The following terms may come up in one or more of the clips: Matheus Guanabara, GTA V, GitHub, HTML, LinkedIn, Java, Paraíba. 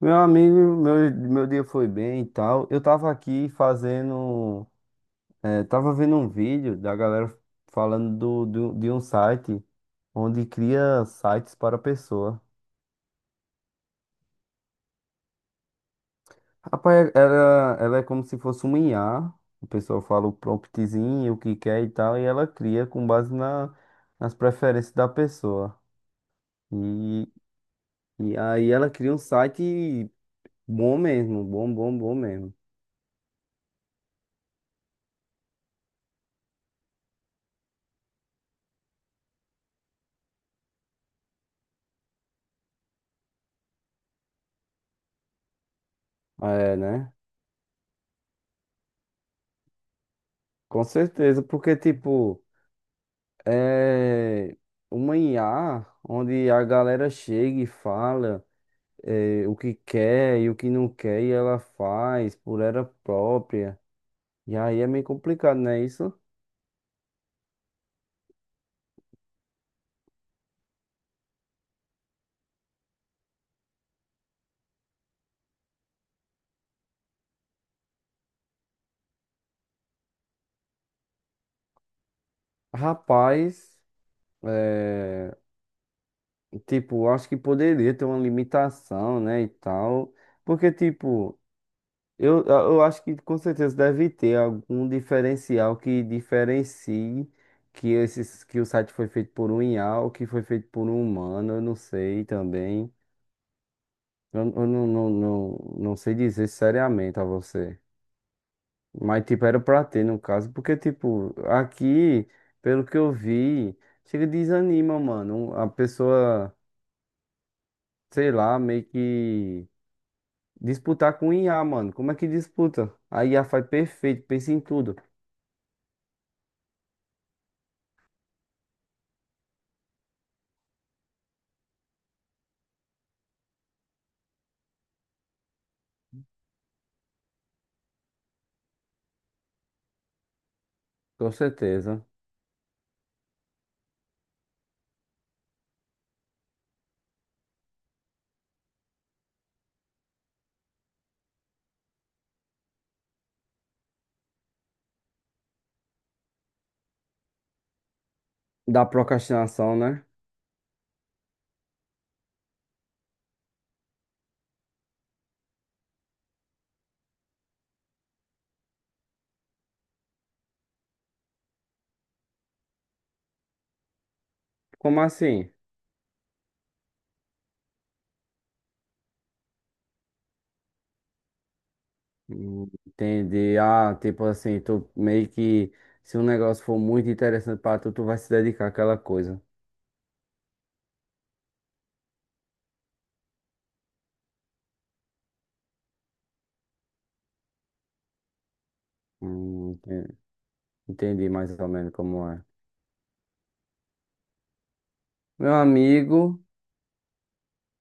Meu amigo, meu dia foi bem e tal. Eu tava aqui fazendo. Tava vendo um vídeo da galera falando de um site onde cria sites para a pessoa. Rapaz, ela é como se fosse uma IA. A pessoa fala o promptzinho, o que quer e tal, e ela cria com base na, nas preferências da pessoa. E, e aí ela cria um site bom mesmo, bom, bom, bom mesmo. É, né? Com certeza, porque tipo. É uma IA onde a galera chega e fala é, o que quer e o que não quer e ela faz por ela própria. E aí é meio complicado, né? Isso, rapaz, tipo, acho que poderia ter uma limitação, né? E tal, porque, tipo, eu acho que com certeza deve ter algum diferencial que diferencie. Que, esses, que o site foi feito por um IA ou que foi feito por um humano, eu não sei também. Eu não, não sei dizer seriamente a você. Mas, tipo, era pra ter, no caso. Porque, tipo, aqui, pelo que eu vi, chega e desanima, mano. A pessoa, sei lá, meio que disputar com IA, mano. Como é que disputa? A IA faz perfeito, pensa em tudo. Com certeza. Da procrastinação, né? Como assim? Entender. Ah, tipo assim, tu meio que. Se um negócio for muito interessante pra tu, tu vai se dedicar àquela coisa. Hum, enten- Entendi mais ou menos como é. Meu amigo,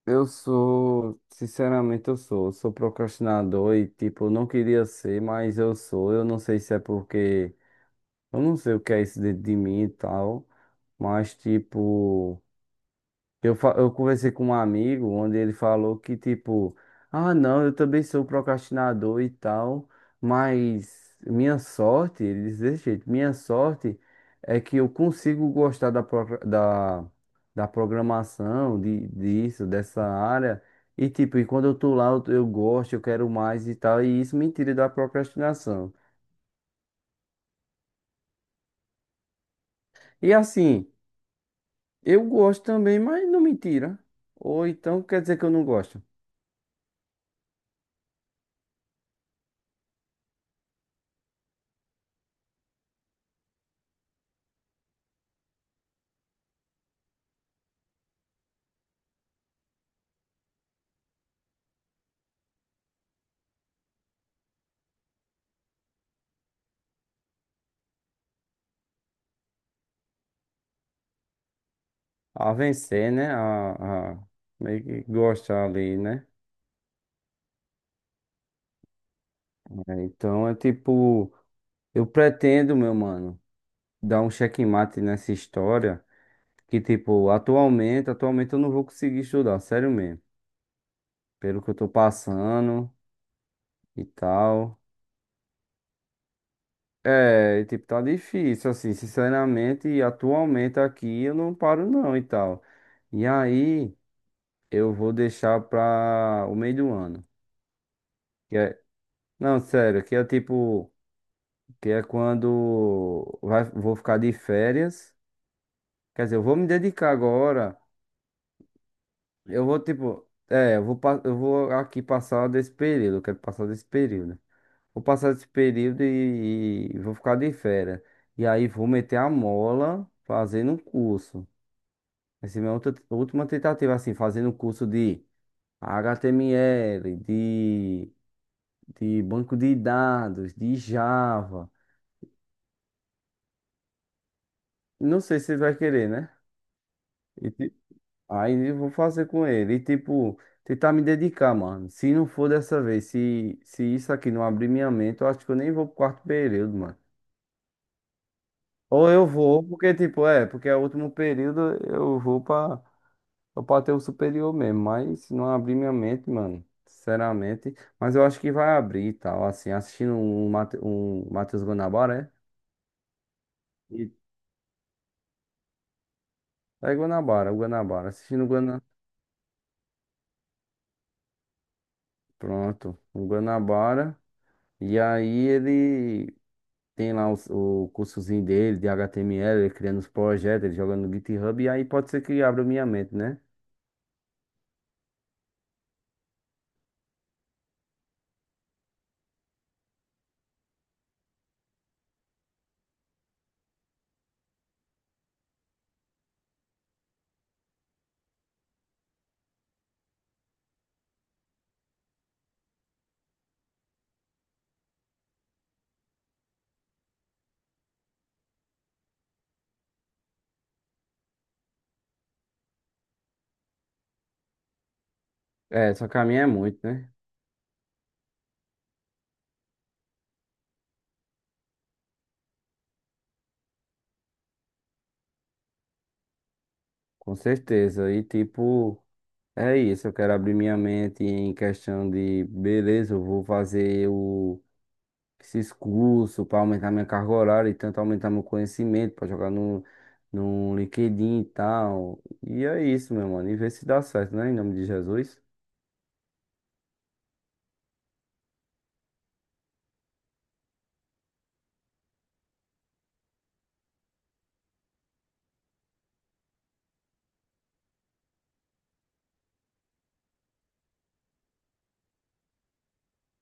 sinceramente eu sou procrastinador e tipo, eu não queria ser, mas eu sou. Eu não sei se é porque, eu não sei o que é isso dentro de mim e tal, mas tipo. Eu conversei com um amigo onde ele falou que, tipo, ah, não, eu também sou procrastinador e tal, mas minha sorte, ele diz desse jeito, minha sorte é que eu consigo gostar da da, programação, disso, dessa área, e, tipo, e quando eu tô lá, eu gosto, eu quero mais e tal, e isso me tira da procrastinação. E assim, eu gosto também, mas não me tira. Ou então quer dizer que eu não gosto. A vencer, né? A meio que gostar ali, né? É, então é tipo, eu pretendo, meu mano, dar um checkmate nessa história. Que tipo, atualmente eu não vou conseguir estudar, sério mesmo. Pelo que eu tô passando e tal. É, e, tipo, tá difícil, assim, sinceramente, e atualmente aqui eu não paro não e tal. E aí, eu vou deixar pra o meio do ano. Que é, não, sério, que é tipo. Que é quando vou ficar de férias. Quer dizer, eu vou me dedicar agora. Eu vou, tipo, é, eu vou, pa- eu vou aqui passar desse período. Eu quero passar desse período. Vou passar desse período e vou ficar de férias. E aí vou meter a mola fazendo um curso. Essa é minha outra, última tentativa, assim, fazendo um curso de HTML, de banco de dados, de Java. Não sei se você vai querer, né? Aí eu vou fazer com ele. E tipo, tentar me dedicar, mano. Se não for dessa vez, se isso aqui não abrir minha mente, eu acho que eu nem vou pro quarto período, mano. Ou eu vou, porque tipo, é, porque é o último período, eu vou pra, eu pra ter o superior mesmo. Mas se não abrir minha mente, mano, sinceramente. Mas eu acho que vai abrir e tal, assim, assistindo um Matheus Guanabara, é? É Guanabara, o Guanabara. Assistindo o Guanabara. Pronto, o Guanabara. E aí ele. Tem lá o cursozinho dele de HTML, ele criando os projetos, ele jogando no GitHub, e aí pode ser que abra minha mente, né? É, só que a minha é muito, né? Com certeza. E tipo, é isso. Eu quero abrir minha mente em questão de, beleza, eu vou fazer o, esses cursos para aumentar minha carga horária e tanto aumentar meu conhecimento, para jogar no LinkedIn e tal. E é isso, meu mano. E ver se dá certo, né? Em nome de Jesus.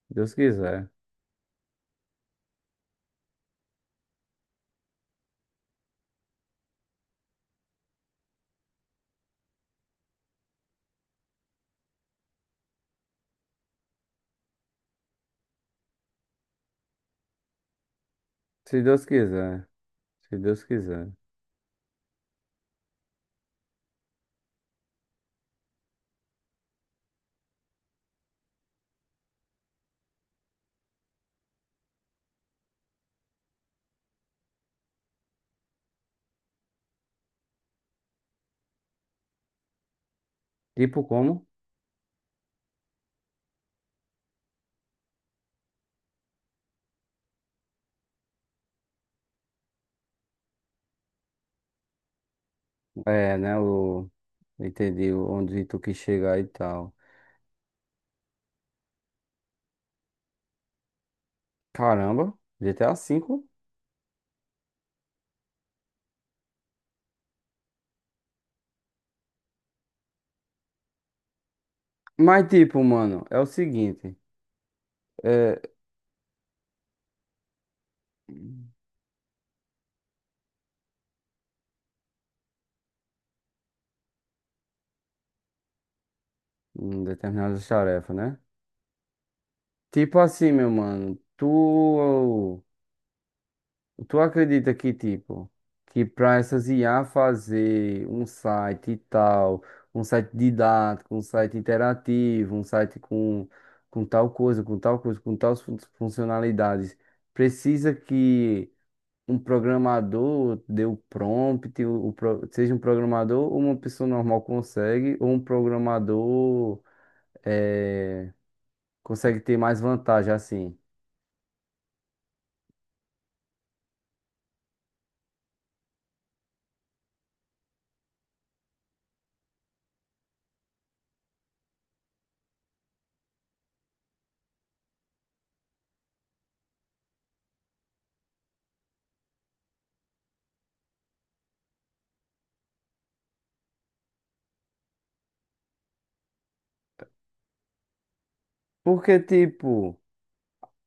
Se Deus quiser. Se Deus quiser. Se Deus quiser. Tipo como? É, né? O. Entendi onde tu quis chegar e tal. Caramba, GTA V. Mas tipo, mano, é o seguinte. É. Determinadas tarefas, né? Tipo assim, meu mano. Tu. Tu acredita que, tipo, que para essas IA fazer um site e tal, um site didático, um site interativo, um site com tal coisa, com tal coisa, com tais funcionalidades, precisa que um programador dê o prompt, seja um programador ou uma pessoa normal consegue, ou um programador eh, consegue ter mais vantagem assim. Porque, tipo.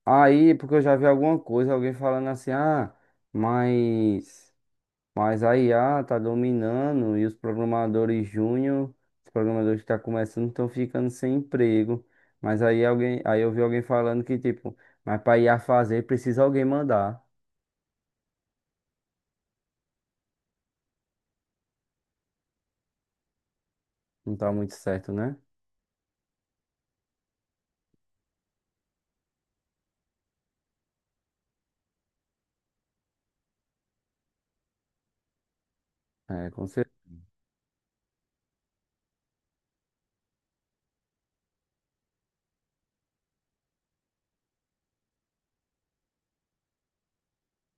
Aí, porque eu já vi alguma coisa, alguém falando assim, ah, mas, mas a IA tá dominando e os programadores júnior, os programadores que tá começando estão ficando sem emprego. Mas aí alguém, aí eu vi alguém falando que, tipo, mas pra IA fazer precisa alguém mandar. Não tá muito certo, né? É, com certeza.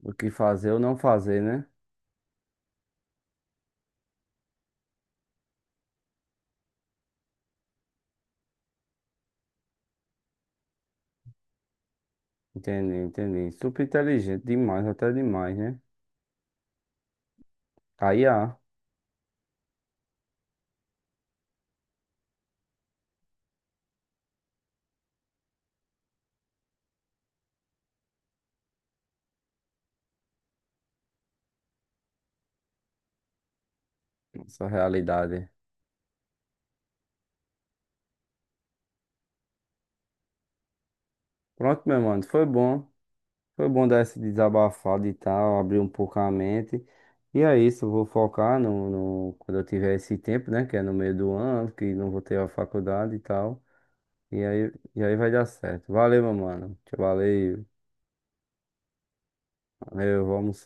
O que fazer ou não fazer, né? Entendi, entendi. Super inteligente, demais, até demais, né? A IA, nossa realidade. Pronto, meu mano, foi bom. Foi bom dar esse desabafado e tal, abrir um pouco a mente. E é isso, eu vou focar quando eu tiver esse tempo, né? Que é no meio do ano, que não vou ter a faculdade e tal. E aí, vai dar certo. Valeu, meu mano. Valeu. Valeu, vamos.